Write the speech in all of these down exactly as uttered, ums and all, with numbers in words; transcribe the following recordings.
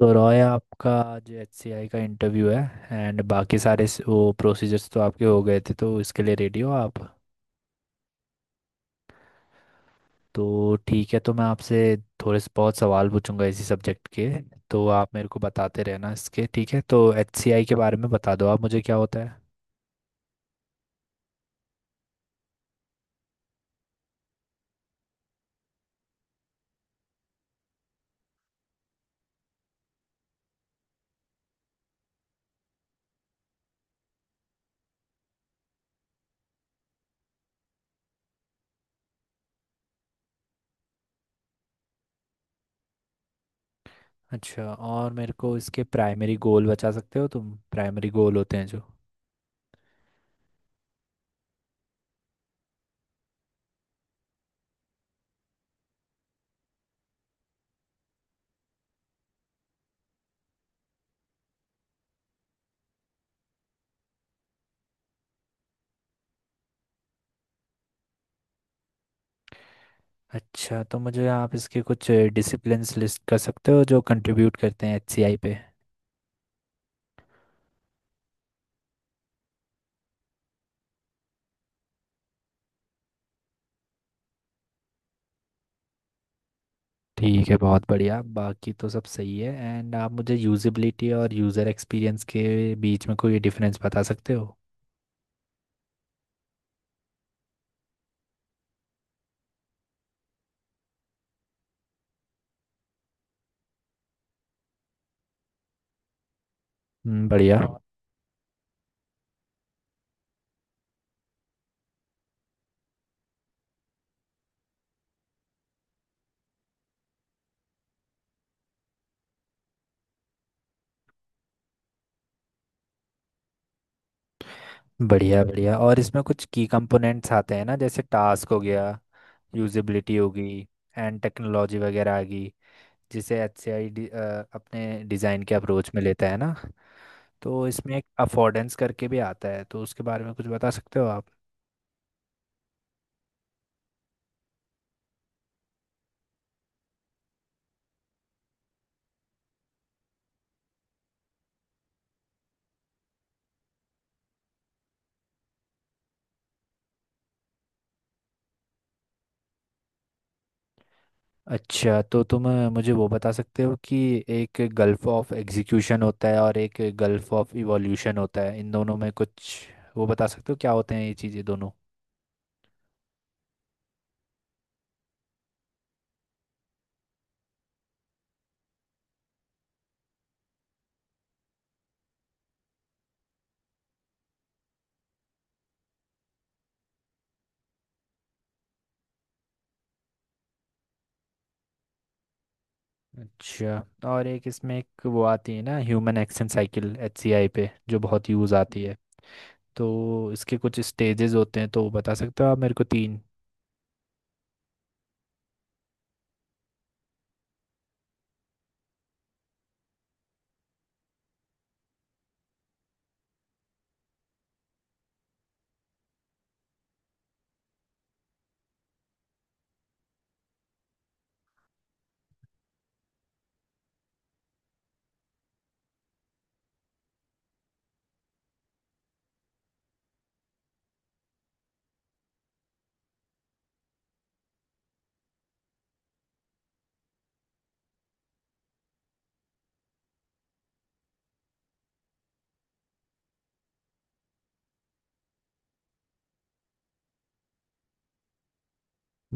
तो रॉय आपका जो एचसीआई का इंटरव्यू है, एंड बाकी सारे स- वो प्रोसीजर्स तो आपके हो गए थे, तो इसके लिए रेडी हो आप। तो ठीक है, तो मैं आपसे थोड़े से बहुत सवाल पूछूंगा इसी सब्जेक्ट के, तो आप मेरे को बताते रहना इसके। ठीक है, तो एचसीआई के बारे में बता दो आप मुझे क्या होता है। अच्छा, और मेरे को इसके प्राइमरी गोल बता सकते हो तुम, प्राइमरी गोल होते हैं जो। अच्छा, तो मुझे आप इसके कुछ डिसिप्लिन्स लिस्ट कर सकते हो जो कंट्रीब्यूट करते हैं एचसीआई पे। ठीक है, बहुत बढ़िया, बाकी तो सब सही है। एंड आप मुझे यूजिबिलिटी और यूज़र एक्सपीरियंस के बीच में कोई डिफरेंस बता सकते हो। हम्म, बढ़िया। बढ़िया बढ़िया, और इसमें कुछ की कंपोनेंट्स आते हैं ना, जैसे टास्क हो गया, यूजिबिलिटी होगी, एंड टेक्नोलॉजी वगैरह आ गई, जिसे एच सी आई डी अपने डिज़ाइन के अप्रोच में लेता है ना। तो इसमें एक अफोर्डेंस करके भी आता है, तो उसके बारे में कुछ बता सकते हो आप। अच्छा, तो तुम अ, मुझे वो बता सकते हो कि एक गल्फ ऑफ एग्जीक्यूशन होता है और एक गल्फ ऑफ इवोल्यूशन होता है, इन दोनों में कुछ वो बता सकते हो क्या होते हैं ये चीज़ें दोनों। अच्छा, और एक इसमें एक वो आती है ना, ह्यूमन एक्शन साइकिल एचसीआई पे जो बहुत यूज़ आती है, तो इसके कुछ स्टेजेस होते हैं, तो बता सकते हो आप मेरे को तीन।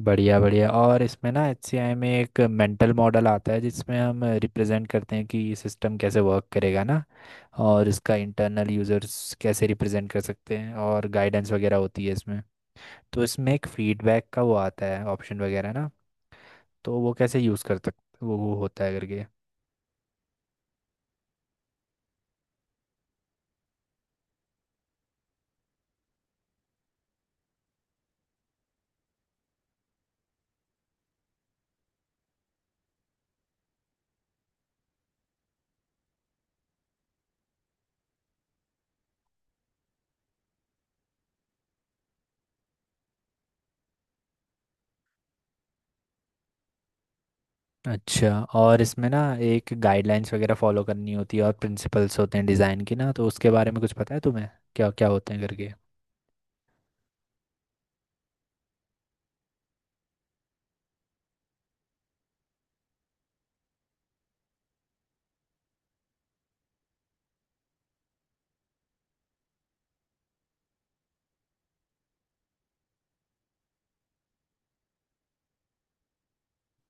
बढ़िया बढ़िया, और इसमें ना एचसीआई में एक मेंटल मॉडल आता है, जिसमें हम रिप्रेजेंट करते हैं कि ये सिस्टम कैसे वर्क करेगा ना, और इसका इंटरनल यूजर्स कैसे रिप्रेजेंट कर सकते हैं, और गाइडेंस वगैरह होती है इसमें। तो इसमें एक फीडबैक का वो आता है, ऑप्शन वगैरह ना, तो वो कैसे यूज़ कर सकते वो वो होता है करके। अच्छा, और इसमें ना एक गाइडलाइंस वगैरह फॉलो करनी होती है और प्रिंसिपल्स होते हैं डिज़ाइन के ना, तो उसके बारे में कुछ पता है तुम्हें, क्या क्या होते हैं करके।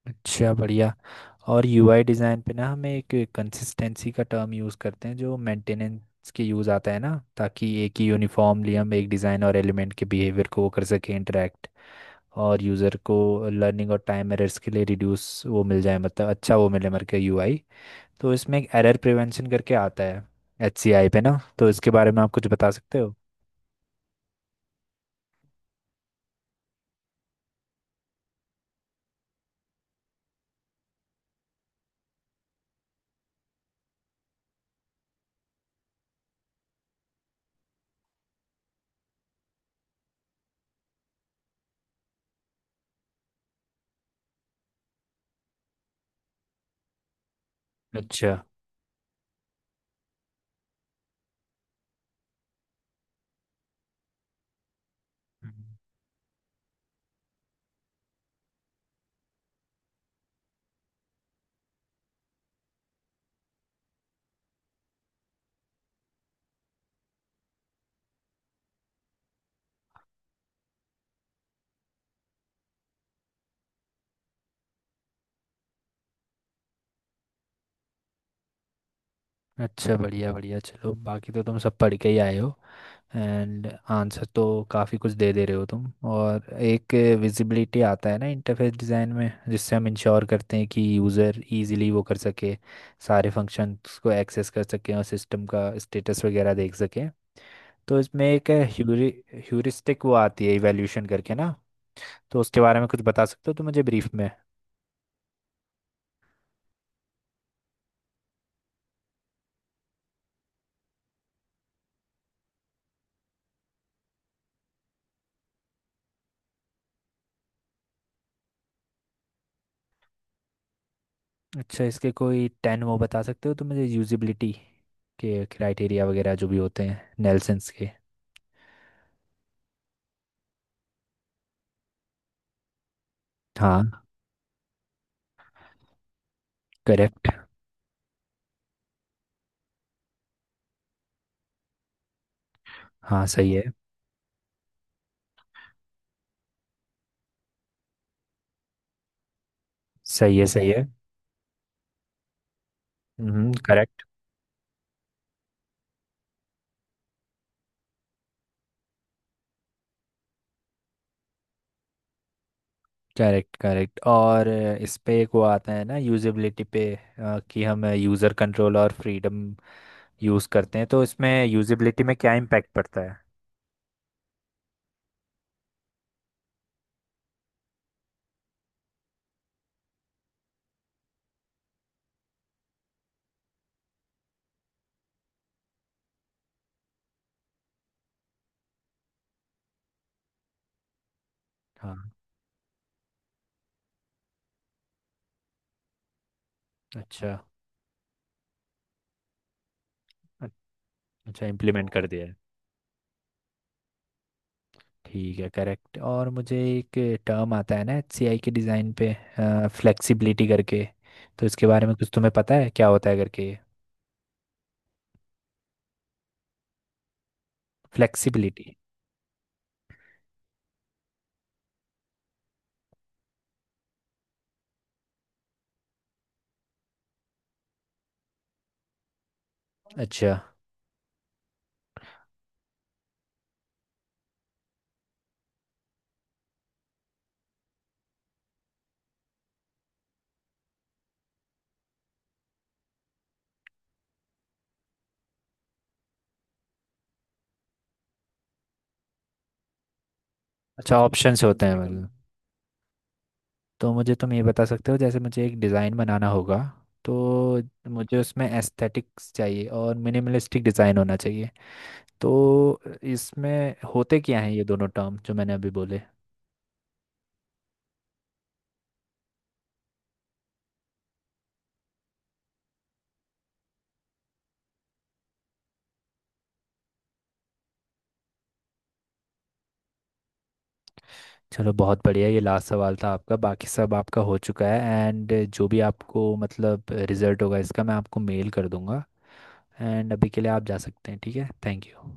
अच्छा बढ़िया, और यूआई डिज़ाइन पे ना हम एक कंसिस्टेंसी का टर्म यूज़ करते हैं, जो मेंटेनेंस के यूज़ आता है ना, ताकि एक ही यूनिफॉर्मली हम एक डिज़ाइन और एलिमेंट के बिहेवियर को वो कर सकें इंटरेक्ट, और यूज़र को लर्निंग और टाइम एरर्स के लिए रिड्यूस वो मिल जाए, मतलब अच्छा वो मिले मर के यूआई। तो इसमें एक एरर प्रिवेंशन करके आता है एचसीआई पे ना, तो इसके बारे में आप कुछ बता सकते हो। अच्छा। हम्म। अच्छा बढ़िया बढ़िया, चलो बाकी तो तुम सब पढ़ के ही आए हो। एंड आंसर तो काफ़ी कुछ दे दे रहे हो तुम। और एक विजिबिलिटी आता है ना इंटरफेस डिज़ाइन में, जिससे हम इंश्योर करते हैं कि यूज़र इजीली वो कर सके, सारे फंक्शंस को एक्सेस कर सके और सिस्टम का स्टेटस वगैरह देख सके। तो इसमें एक ह्यूरि ह्यूरिस्टिक वो आती है इवैल्यूएशन करके ना, तो उसके बारे में कुछ बता सकते हो तो मुझे ब्रीफ में। अच्छा, इसके कोई टेन वो बता सकते हो तो मुझे, यूजिबिलिटी के क्राइटेरिया वगैरह जो भी होते हैं नेल्सन्स के। हाँ। करेक्ट। हाँ सही है। सही है। सही है। हम्म, करेक्ट। करेक्ट, करेक्ट, और अ, इस पे एक वो आता है ना यूजेबिलिटी पे, अ, कि हम यूज़र कंट्रोल और फ्रीडम यूज़ करते हैं, तो इसमें यूजेबिलिटी में क्या इम्पैक्ट पड़ता है। हाँ। अच्छा। अ- अच्छा, इम्प्लीमेंट कर दिया है। ठीक है, करेक्ट। और मुझे एक टर्म आता है ना एचसीआई के डिज़ाइन पे, फ्लेक्सिबिलिटी करके, तो इसके बारे में कुछ तुम्हें पता है क्या होता है करके। फ्लेक्सिबिलिटी। अच्छा। अच्छा, ऑप्शंस होते हैं मतलब। तो मुझे तुम ये बता सकते हो, जैसे मुझे एक डिज़ाइन बनाना होगा, तो मुझे उसमें एस्थेटिक्स चाहिए और मिनिमलिस्टिक डिज़ाइन होना चाहिए, तो इसमें होते क्या हैं ये दोनों टर्म जो मैंने अभी बोले। चलो, बहुत बढ़िया, ये लास्ट सवाल था आपका, बाकी सब आपका हो चुका है। एंड जो भी आपको मतलब रिजल्ट होगा इसका, मैं आपको मेल कर दूंगा। एंड अभी के लिए आप जा सकते हैं, ठीक है, थैंक यू।